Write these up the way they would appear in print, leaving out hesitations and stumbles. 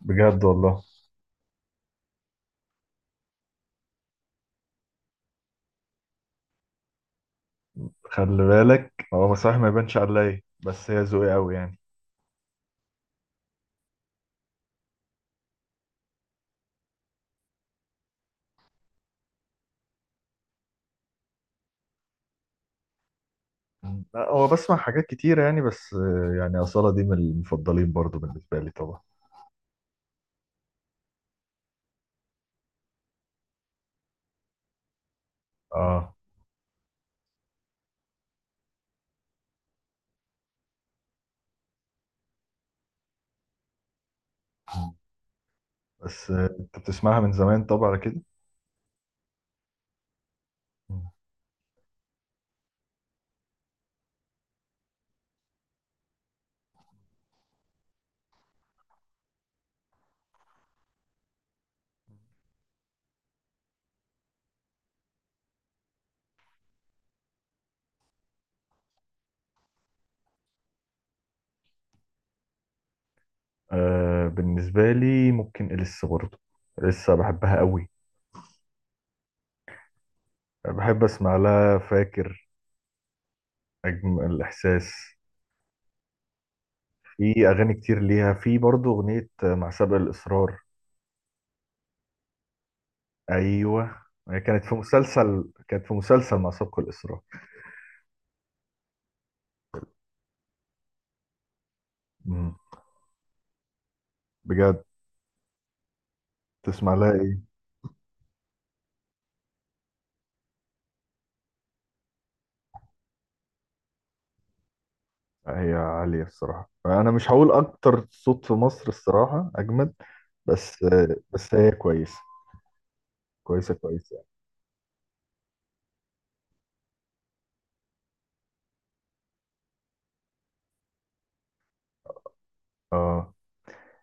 بجد والله. خلي بالك، هو صحيح ما يبانش عليا، بس هي ذوقي قوي يعني. لا، هو بسمع حاجات كتيرة يعني، بس آه، يعني أصالة دي من المفضلين برضو بالنسبة لي طبعا. اه، بس آه، انت بتسمعها من زمان طبعا على كده. آه، بالنسبة لي ممكن إليسا برضو. إليسا بحبها قوي. بحب أسمع لها، فاكر أجمل الإحساس. في أغاني كتير ليها، في برضو أغنية آه، مع سبق الإصرار. أيوة. هي كانت في مسلسل، مع سبق الإصرار. مم. بجد؟ تسمع لها ايه؟ هي عالية الصراحة، انا مش هقول اكتر صوت في مصر الصراحة اجمد. بس هي كويسة. كويسة يعني. اه.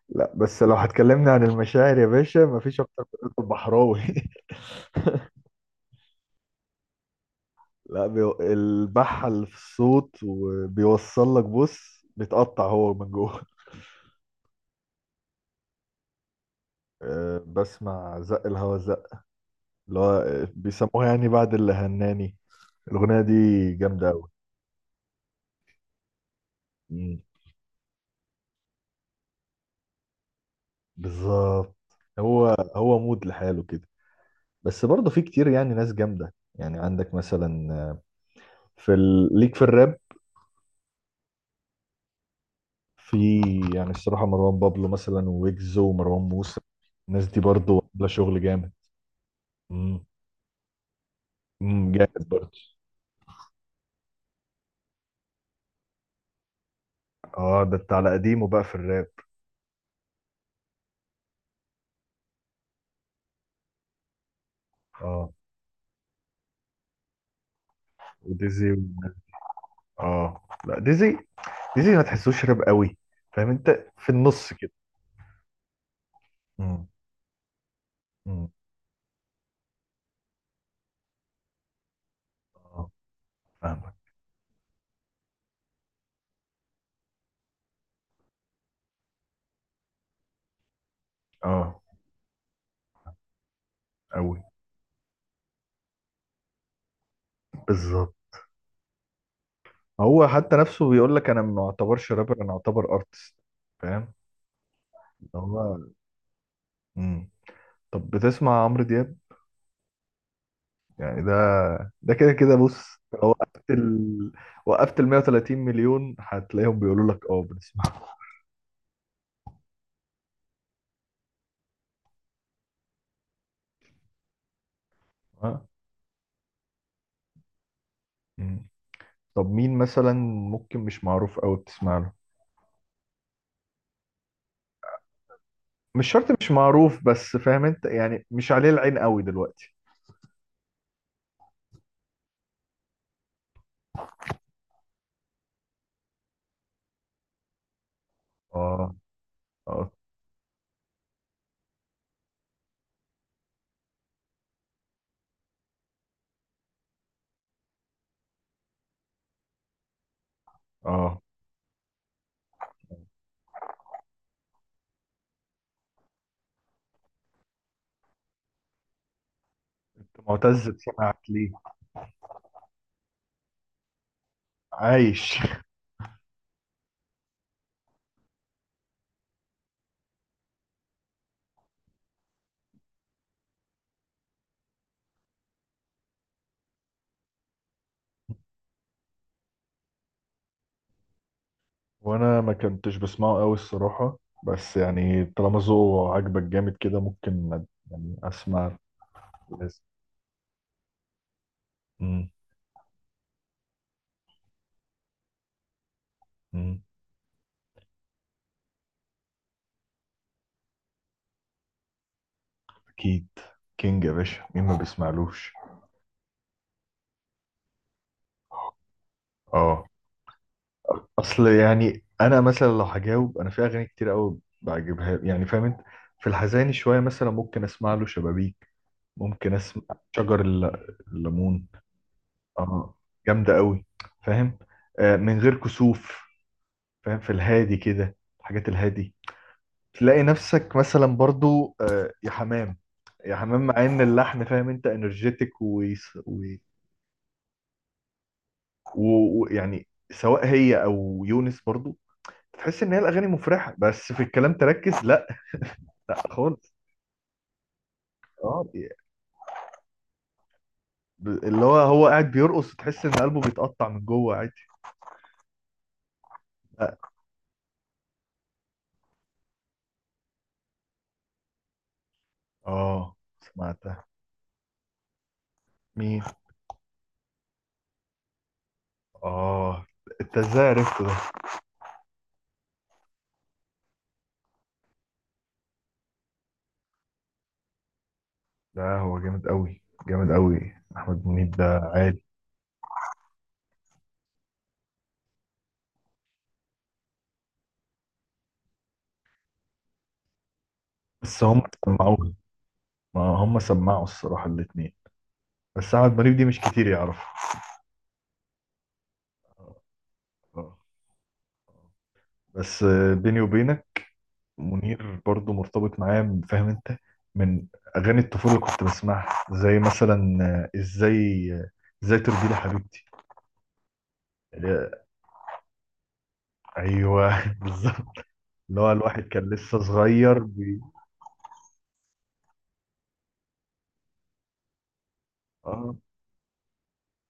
لا بس لو هتكلمنا عن المشاعر يا باشا، مفيش اكتر من رضا البحراوي. لا بي... البحل في الصوت، وبيوصل لك، بص بيتقطع هو من جوه. آه، بسمع زق الهوا، زق اللي هو آه، بيسموها يعني بعد اللي هناني. الأغنية دي جامدة أوي. بالظبط. هو هو مود لحاله كده. بس برضه في كتير يعني ناس جامدة، يعني عندك مثلا في ال... ليك في الراب. في يعني الصراحة مروان بابلو مثلا، ويجز، ومروان موسى. الناس دي برضه عاملة شغل جامد. امم. امم، جامد برضه. اه، ده انت على قديمه بقى في الراب. اه، وديزي و... اه لا، ديزي ما تحسوش راب قوي. فاهم انت، في النص كده. امم. امم. اه، فاهمك. اه، قوي. بالظبط. هو حتى نفسه بيقول لك انا ما اعتبرش رابر، انا اعتبر ارتست. فاهم؟ اللي هو، امم. طب بتسمع عمرو دياب؟ يعني ده، كده كده. بص لو وقفت ال... وقفت ال 130 مليون هتلاقيهم بيقولوا لك اه بنسمع. ها؟ مم. طب مين مثلا، ممكن مش معروف قوي، بتسمع له؟ مش شرط مش معروف، بس فاهم انت يعني مش عليه العين قوي دلوقتي. اه. اه. اه. معتز، بسمعك ليه؟ عايش. وانا ما كنتش بسمعه قوي الصراحة، بس يعني طالما ذوقه عاجبك جامد كده ممكن يعني اسمع. لازم. امم. أمم، اكيد. كينج يا باشا، مين ما بيسمعلوش؟ اه اصل يعني انا مثلا لو هجاوب، انا في اغاني كتير قوي بعجبها يعني، فاهم انت. في الحزين شوية مثلا ممكن اسمع له شبابيك. ممكن اسمع شجر الليمون اه، جامدة قوي. فاهم، آه، من غير كسوف. فاهم، في الهادي كده، الحاجات الهادي. تلاقي نفسك مثلا برضو آه، يا حمام. مع ان اللحن، فاهم انت، انرجيتك، ويعني. يعني سواء هي او يونس برضو، تحس ان هي الاغاني مفرحه، بس في الكلام تركز، لا خالص. اه، اللي هو هو قاعد بيرقص، تحس ان قلبه بيتقطع من جوه عادي. لا. اه سمعتها. مين؟ اه. انت ازاي عرفته ده؟ لا، هو جامد قوي. جامد قوي احمد منيب ده. عالي. بس هم سمعوه. ما هم سمعوا الصراحه الاتنين. بس أحمد منيب دي مش كتير يعرف. آه. بس آه، بيني وبينك، منير برضو مرتبط معايا فاهم انت، من اغاني الطفوله اللي كنت بسمعها، زي مثلا آه، ازاي آه، ازاي ترضي لي حبيبتي. آه، ايوه بالظبط. اللي هو الواحد كان لسه صغير بي... اه،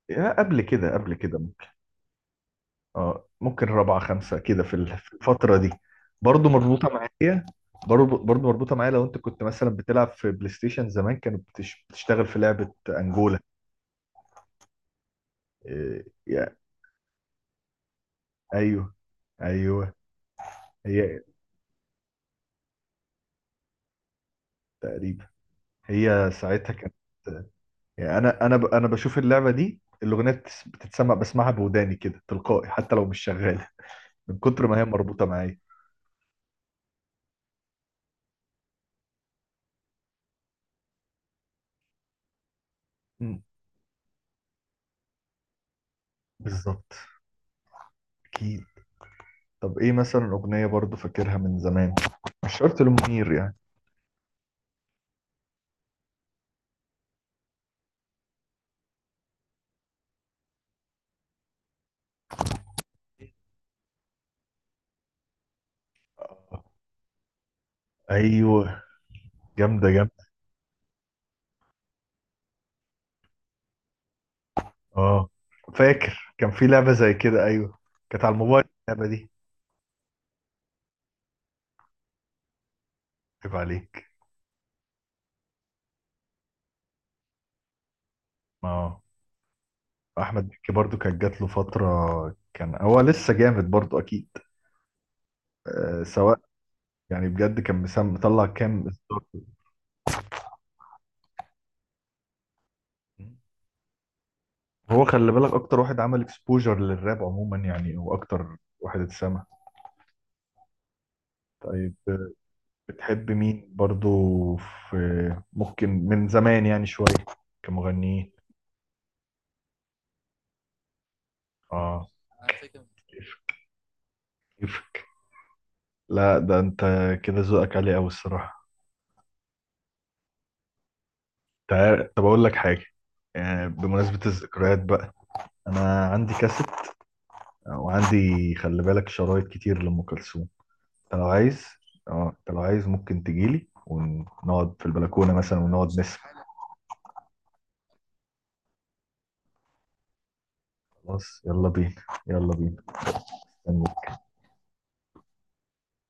يا قبل كده. اه، ممكن رابعة خمسة كده، في في الفترة دي. برضو مربوطة معايا. برضو مربوطة معايا. لو انت كنت مثلا بتلعب في بلاي ستيشن زمان، كانت بتشتغل في لعبة انجولا. إيه، يا- ايوه ايوه. هي تقريبا. هي ساعتها كانت، يعني انا انا بشوف اللعبة دي الاغنية بتتسمع بسمعها بوداني كده تلقائي حتى لو مش شغالة، من كتر ما هي مربوطة معايا. مم. بالظبط. اكيد. طب ايه مثلا اغنية برضو فاكرها من زمان، مش شرط لمنير يعني؟ ايوه، جامده. اه فاكر، كان في لعبه زي كده، ايوه. كانت على الموبايل اللعبه دي. عيب عليك. اه. احمد مكي برضو كانت جات له فتره، كان هو لسه جامد برضو اكيد. آه سواء. يعني بجد كان مسام مطلع كام اصدار. هو خلي بالك اكتر واحد عمل اكسبوجر للراب عموما، يعني هو اكتر واحد اتسمع. طيب آه، بتحب مين برضو؟ في، ممكن من زمان يعني شويه، كمغنيين. اه. كيف؟ كيف؟ لا ده انت كده ذوقك عالي قوي الصراحه. تعال طب اقول لك حاجه، يعني بمناسبه الذكريات بقى. انا عندي كاسيت، وعندي خلي بالك شرايط كتير لام كلثوم. انت لو عايز، اه انت لو عايز، ممكن تجيلي ونقعد في البلكونه مثلا، ونقعد نسمع. خلاص يلا بينا. يلا بينا.